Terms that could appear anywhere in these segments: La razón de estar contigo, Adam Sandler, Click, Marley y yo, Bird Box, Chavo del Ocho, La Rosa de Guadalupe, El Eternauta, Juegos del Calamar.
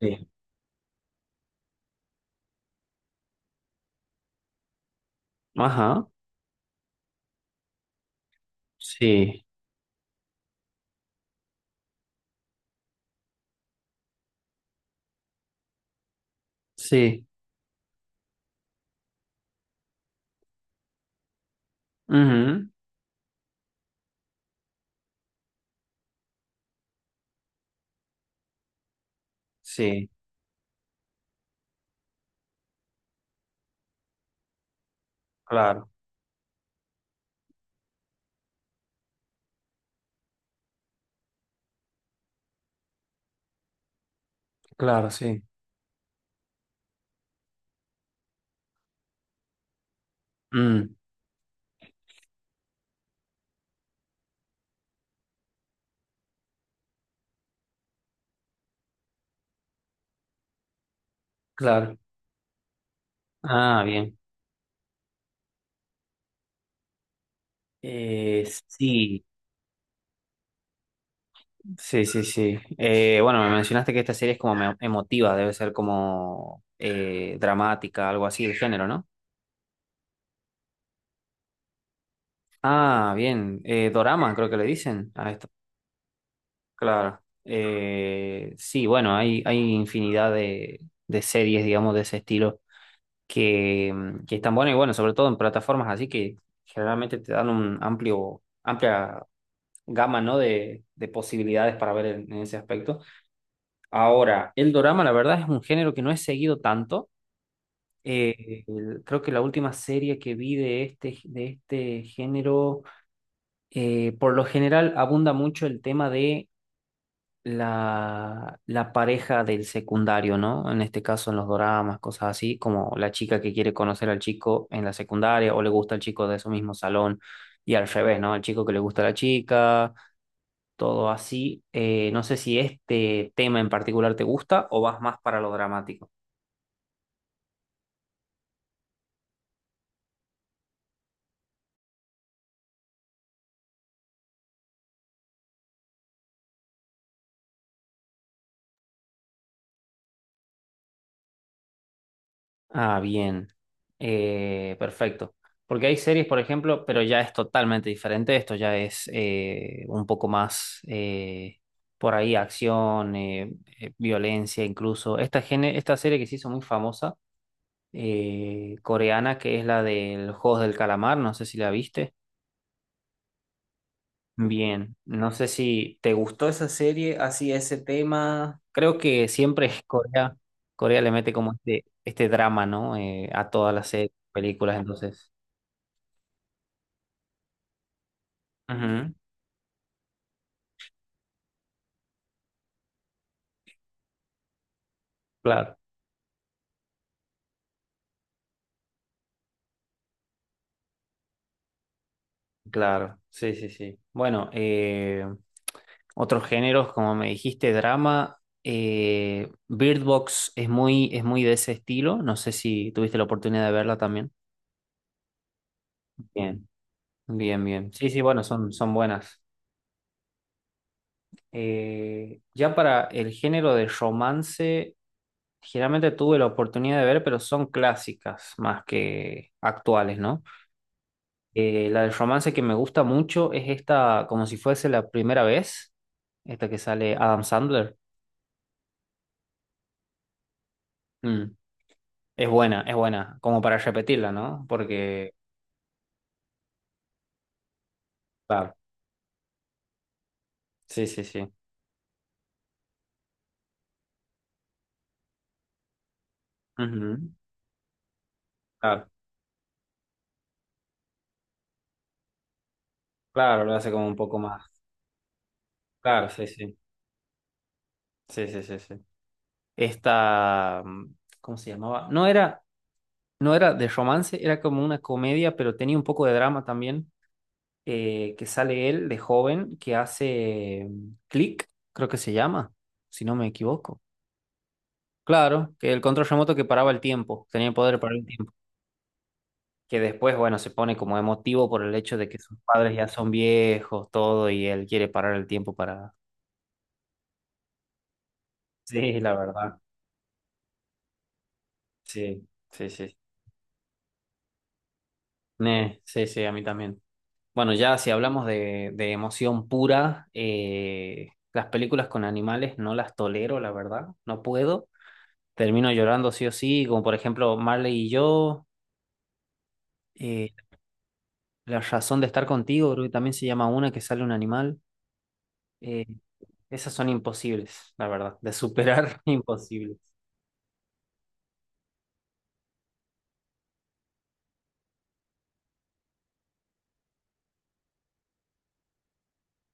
Sí. Ajá, sí, sí, ujú, sí, claro, claro, sí, mm, claro, ah, bien, sí, sí, sí, sí. Bueno, me mencionaste que esta serie es como emotiva, debe ser como dramática, algo así de género, ¿no? Ah, bien, dorama creo que le dicen a esto, claro. Sí, bueno, hay infinidad de series, digamos, de ese estilo. Que están buenas y bueno, sobre todo en plataformas así que generalmente te dan amplia gama, ¿no? de, posibilidades para ver en, ese aspecto. Ahora, el dorama, la verdad, es un género que no he seguido tanto. Creo que la última serie que vi de este, género, por lo general abunda mucho el tema de la, pareja del secundario, ¿no? En este caso en los doramas, cosas así, como la chica que quiere conocer al chico en la secundaria o le gusta al chico de su mismo salón y al revés, ¿no? El chico que le gusta a la chica, todo así. No sé si este tema en particular te gusta o vas más para lo dramático. Ah, bien. Perfecto. Porque hay series, por ejemplo, pero ya es totalmente diferente. Esto ya es un poco más por ahí acción, violencia incluso. Esta, esta serie que se hizo muy famosa, coreana, que es la del Juegos del Calamar, no sé si la viste. Bien, no sé si te gustó esa serie, así ese tema. Creo que siempre Corea le mete como este, drama, ¿no? A todas las series, películas, entonces. Ujú, claro, claro, sí, sí, sí. Bueno, otros géneros, como me dijiste, drama. Bird Box es muy de ese estilo. No sé si tuviste la oportunidad de verla también. Bien, bien, bien. Sí, sí, bueno, son buenas. Ya para el género de romance, generalmente tuve la oportunidad de ver, pero son clásicas más que actuales, ¿no? La del romance que me gusta mucho es esta, como si fuese la primera vez, esta que sale Adam Sandler. Mm, es buena, como para repetirla, ¿no? Porque, claro, sí, sí, sí. Ujú, claro, claro, lo hace como un poco más. Claro, sí, sí, sí, sí, sí, sí. Esta, mm, ¿cómo se llamaba? No era de romance, era como una comedia, pero tenía un poco de drama también, que sale él de joven, que hace Click, creo que se llama, si no me equivoco. Claro, que el control remoto que paraba el tiempo, tenía el poder de parar el tiempo, que después, bueno, se pone como emotivo por el hecho de que sus padres ya son viejos, todo, y él quiere parar el tiempo para... Sí, la verdad. Sí, sí, sí. Ne, sí, sí, a mí también. Bueno, ya si hablamos de, emoción pura, las películas con animales no las tolero, la verdad, no puedo. Termino llorando sí o sí, como por ejemplo Marley y yo, eh, La razón de estar contigo, creo que también se llama una que sale un animal. Eh, esas son imposibles, la verdad, de superar, imposibles.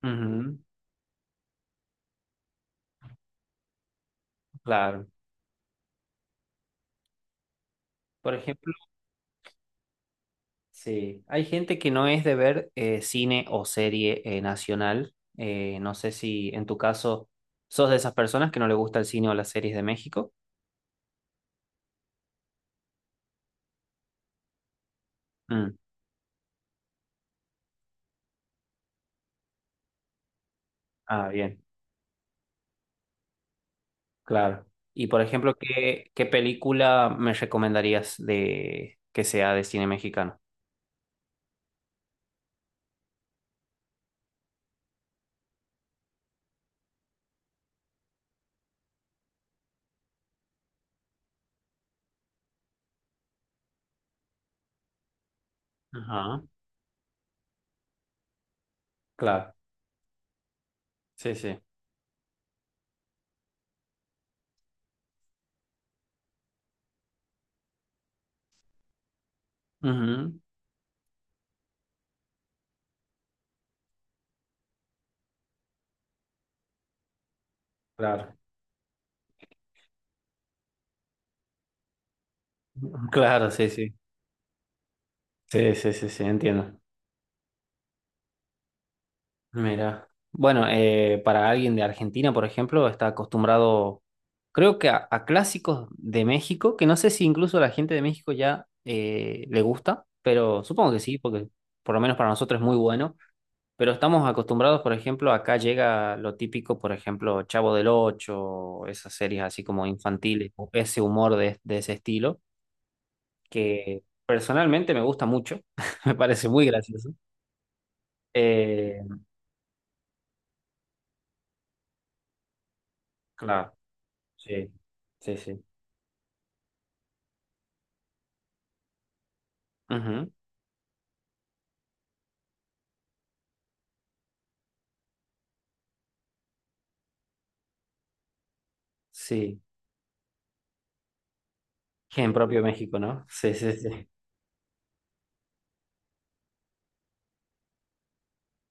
Ujú, claro. Por ejemplo. Sí, hay gente que no es de ver cine o serie nacional. No sé si en tu caso sos de esas personas que no le gusta el cine o las series de México. Mm, ah, bien, claro. Y por ejemplo, ¿ qué película me recomendarías de que sea de cine mexicano? Ajá, claro, sí, sí. Ujú, claro, claro, sí, sí. Sí, sí, sí, sí, entiendo. Mira, bueno, para alguien de Argentina, por ejemplo, está acostumbrado, creo que a, clásicos de México, que no sé si incluso a la gente de México ya le gusta, pero supongo que sí, porque por lo menos para nosotros es muy bueno. Pero estamos acostumbrados, por ejemplo, acá llega lo típico, por ejemplo, Chavo del Ocho, esas series así como infantiles, o ese humor de, ese estilo, que personalmente me gusta mucho, me parece muy gracioso. Eh, claro, sí, sí, sí. Ujú, sí, gen propio de México, ¿no? Sí, sí, sí,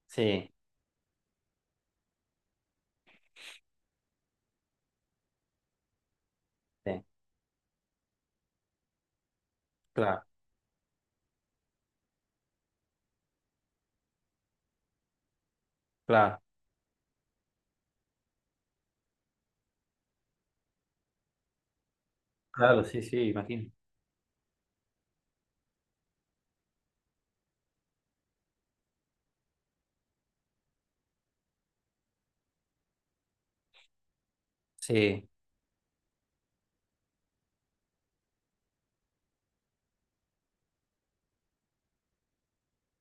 sí, sí, claro, claro, claro, sí, sí, imagino. Sí,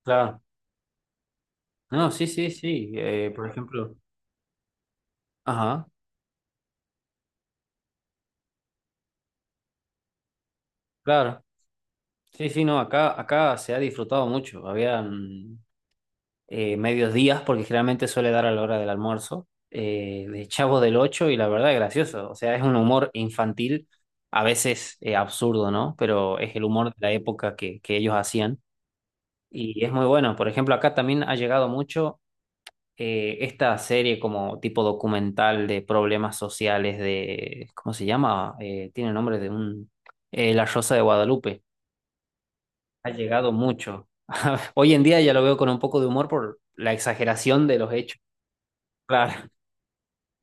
claro. No, sí, sí, sí, por ejemplo, ajá, claro. Sí, sí, no, acá se ha disfrutado mucho. Habían medios días, porque generalmente suele dar a la hora del almuerzo, de Chavo del Ocho, y la verdad es gracioso. O sea, es un humor infantil, a veces absurdo, ¿no? Pero es el humor de la época que ellos hacían. Y es muy bueno. Por ejemplo, acá también ha llegado mucho esta serie como tipo documental de problemas sociales de, ¿cómo se llama? Tiene nombre de un... La Rosa de Guadalupe. Ha llegado mucho. Hoy en día ya lo veo con un poco de humor por la exageración de los hechos. Claro.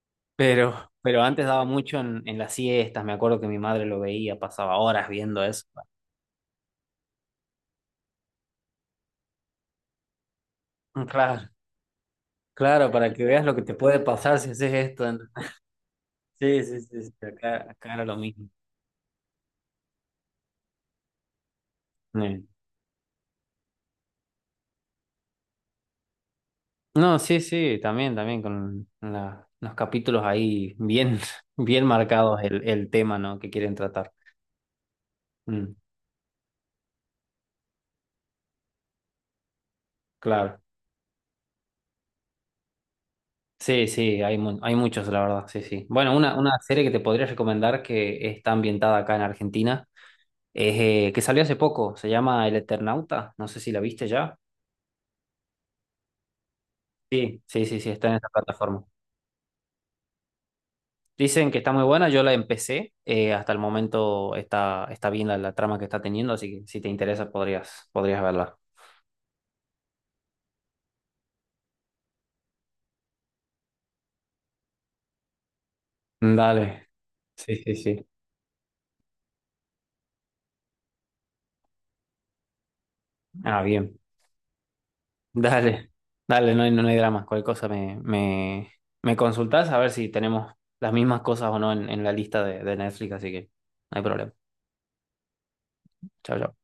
Pero antes daba mucho en, las siestas. Me acuerdo que mi madre lo veía, pasaba horas viendo eso. Claro, claro, para que veas lo que te puede pasar si haces esto. Sí, sí, sí, sí, acá era lo mismo. Eh, No, sí, sí, también, con los capítulos ahí bien, bien marcados el, tema, ¿no? que quieren tratar. Mm, claro. Sí, sí, hay muchos, la verdad, sí, sí. Bueno, una serie que te podría recomendar que está ambientada acá en Argentina, es, que salió hace poco, se llama El Eternauta, no sé si la viste ya. Sí, sí, sí, sí, está en esa plataforma. Dicen que está muy buena, yo la empecé, hasta el momento está bien la, trama que está teniendo, así que si te interesa podrías verla. Dale, sí, sí, sí. Ah, bien. Dale, dale, no hay, no hay drama. Cualquier cosa me consultás a ver si tenemos las mismas cosas o no en, la lista de, Netflix, así que no hay problema. Chao, chao.